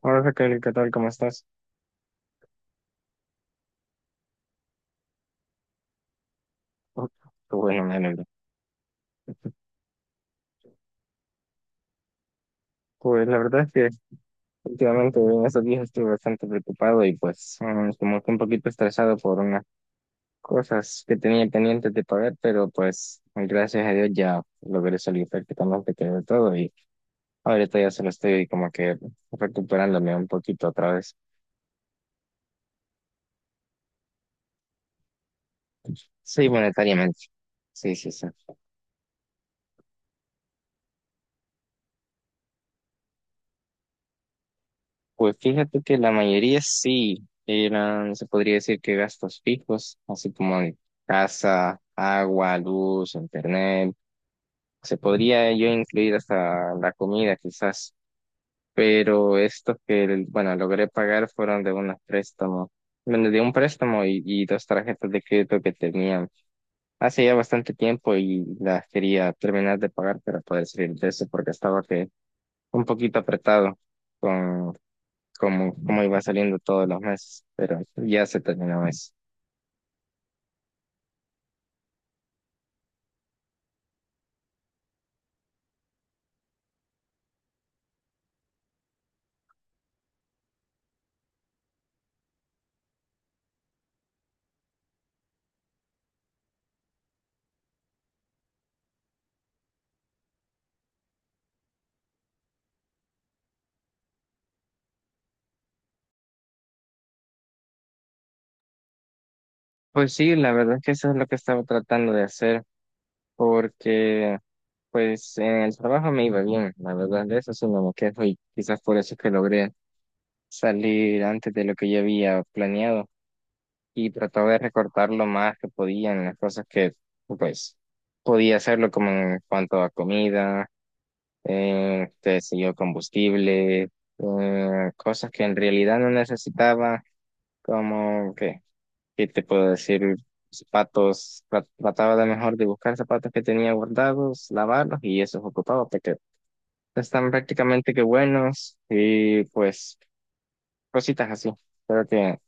Hola Raquel, ¿qué tal? ¿Cómo estás? Oh, qué bueno, me alegro. Pues la verdad es que últimamente en estos días estuve bastante preocupado y pues como que un poquito estresado por unas cosas que tenía pendientes de pagar, pero pues gracias a Dios ya logré salir prácticamente que de todo y ahorita ya solo estoy como que recuperándome un poquito otra vez. Sí, monetariamente. Sí, sí, sí. Pues fíjate que la mayoría sí eran, se podría decir que gastos fijos, así como de casa, agua, luz, internet. Se podría yo incluir hasta la comida quizás, pero estos que, bueno, logré pagar fueron de un préstamo, bueno, de un préstamo y dos tarjetas de crédito que tenían hace ya bastante tiempo y las quería terminar de pagar para poder salir de eso porque estaba que un poquito apretado como, como iba saliendo todos los meses, pero ya se terminó eso. Pues sí, la verdad es que eso es lo que estaba tratando de hacer, porque pues en el trabajo me iba bien, la verdad, de eso sí no me quejo y quizás por eso es que logré salir antes de lo que yo había planeado y trataba de recortar lo más que podía en las cosas que pues podía hacerlo como en cuanto a comida, qué sé yo, combustible, cosas que en realidad no necesitaba. Como que, ¿qué te puedo decir? Zapatos, trataba de mejor de buscar zapatos que tenía guardados, lavarlos y esos ocupaba porque están prácticamente que buenos y pues cositas así. Creo que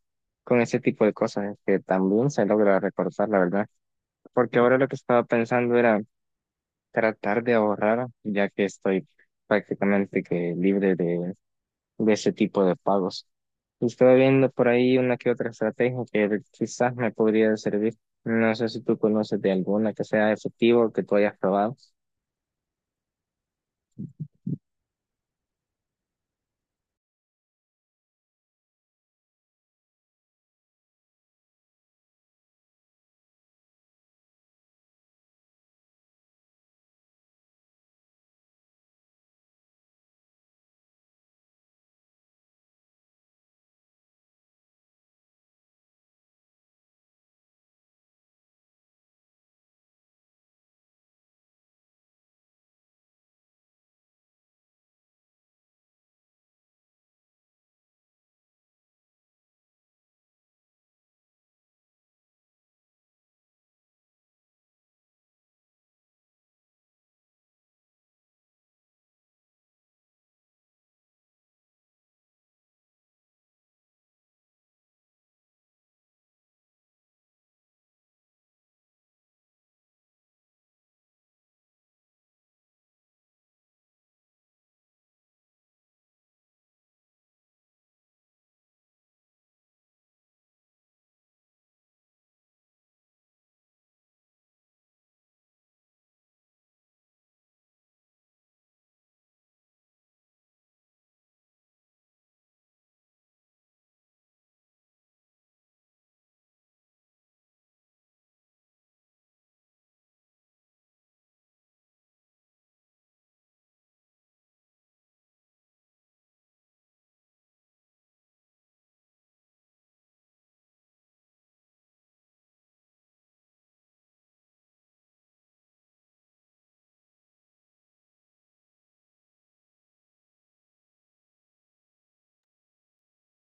con ese tipo de cosas es que también se logra recortar, la verdad. Porque ahora lo que estaba pensando era tratar de ahorrar, ya que estoy prácticamente que libre de ese tipo de pagos. Y estoy viendo por ahí una que otra estrategia que quizás me podría servir. No sé si tú conoces de alguna que sea efectiva o que tú hayas probado.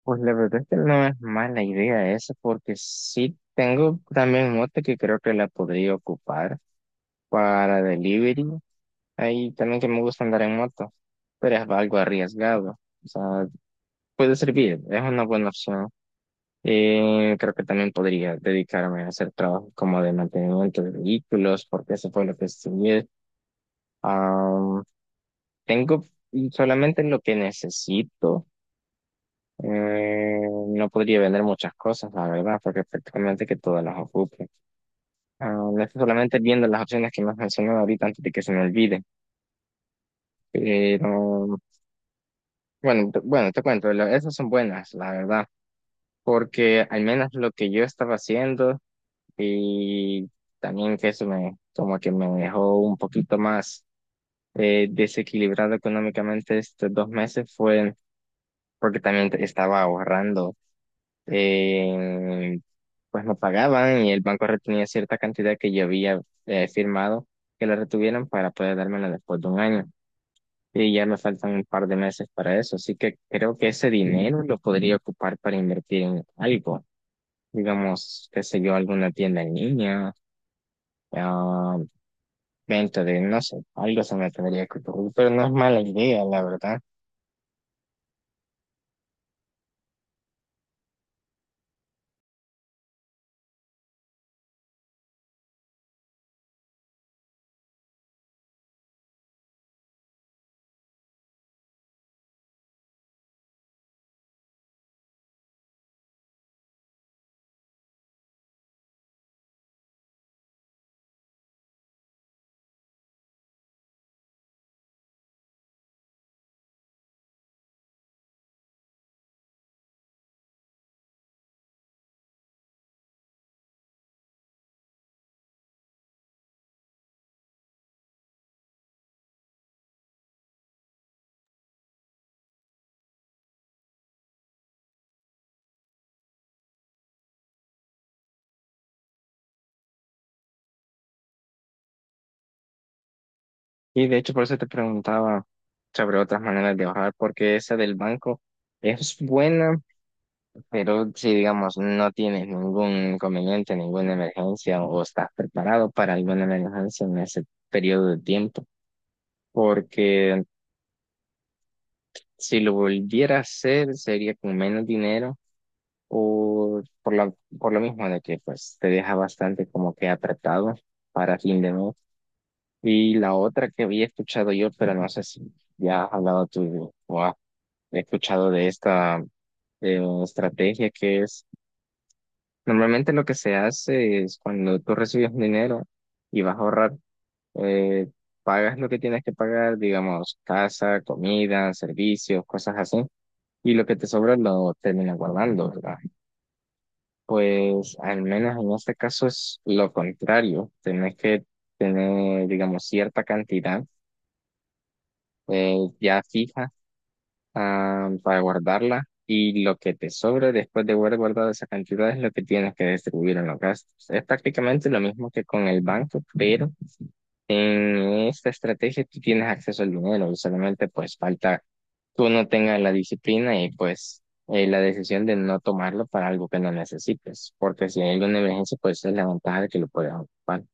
Pues la verdad es que no es mala idea esa, porque sí tengo también moto que creo que la podría ocupar para delivery. Ahí también que me gusta andar en moto, pero es algo arriesgado. O sea, puede servir, es una buena opción. Creo que también podría dedicarme a hacer trabajos como de mantenimiento de vehículos, porque eso fue lo que estudié. Am, tengo solamente lo que necesito. Eh, no podría vender muchas cosas, la verdad, porque prácticamente que todas las ocupo. Estoy solamente viendo las opciones que me has mencionado ahorita antes de que se me olvide. Pero bueno, te cuento, esas son buenas, la verdad, porque al menos lo que yo estaba haciendo. Y también que eso me, como que me dejó un poquito más desequilibrado económicamente estos dos meses fue porque también estaba ahorrando. Eh, pues me pagaban y el banco retenía cierta cantidad que yo había firmado que la retuvieran para poder dármela después de un año. Y ya me faltan un par de meses para eso. Así que creo que ese dinero lo podría ocupar para invertir en algo. Digamos, qué sé yo, alguna tienda en línea, ah, venta de, no sé, algo se me tendría que ocurrir, pero no es mala idea, la verdad. Y de hecho por eso te preguntaba sobre otras maneras de ahorrar porque esa del banco es buena, pero si digamos no tienes ningún inconveniente, ninguna emergencia o estás preparado para alguna emergencia en ese periodo de tiempo, porque si lo volviera a hacer sería con menos dinero o por lo, mismo de que pues te deja bastante como que apretado para fin de mes. Y la otra que había escuchado yo, pero no sé si ya has hablado tú o has escuchado de esta estrategia que es, normalmente lo que se hace es cuando tú recibes un dinero y vas a ahorrar, eh, pagas lo que tienes que pagar, digamos, casa, comida, servicios, cosas así, y lo que te sobra lo terminas guardando, ¿verdad? Pues al menos en este caso es lo contrario, tenés que tener, digamos, cierta cantidad ya fija para guardarla y lo que te sobre después de haber guardado esa cantidad es lo que tienes que distribuir en los gastos. Es prácticamente lo mismo que con el banco, pero en esta estrategia tú tienes acceso al dinero, y solamente pues falta que uno tenga la disciplina y pues la decisión de no tomarlo para algo que no necesites, porque si hay alguna emergencia pues es la ventaja de que lo puedes ocupar.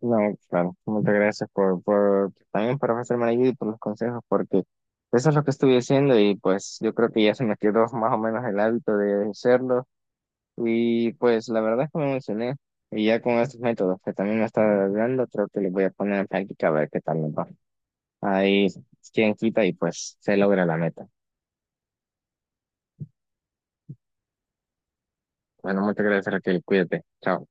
No, claro, muchas gracias por, también por ofrecerme la ayuda y por los consejos, porque eso es lo que estuve haciendo y pues yo creo que ya se me quedó más o menos el hábito de hacerlo y pues la verdad es que me emocioné y ya con estos métodos que también me está dando, creo que les voy a poner en práctica a ver qué tal me va. Ahí quien quita y pues se logra la meta. Bueno, muchas gracias, Raquel, cuídate, chao.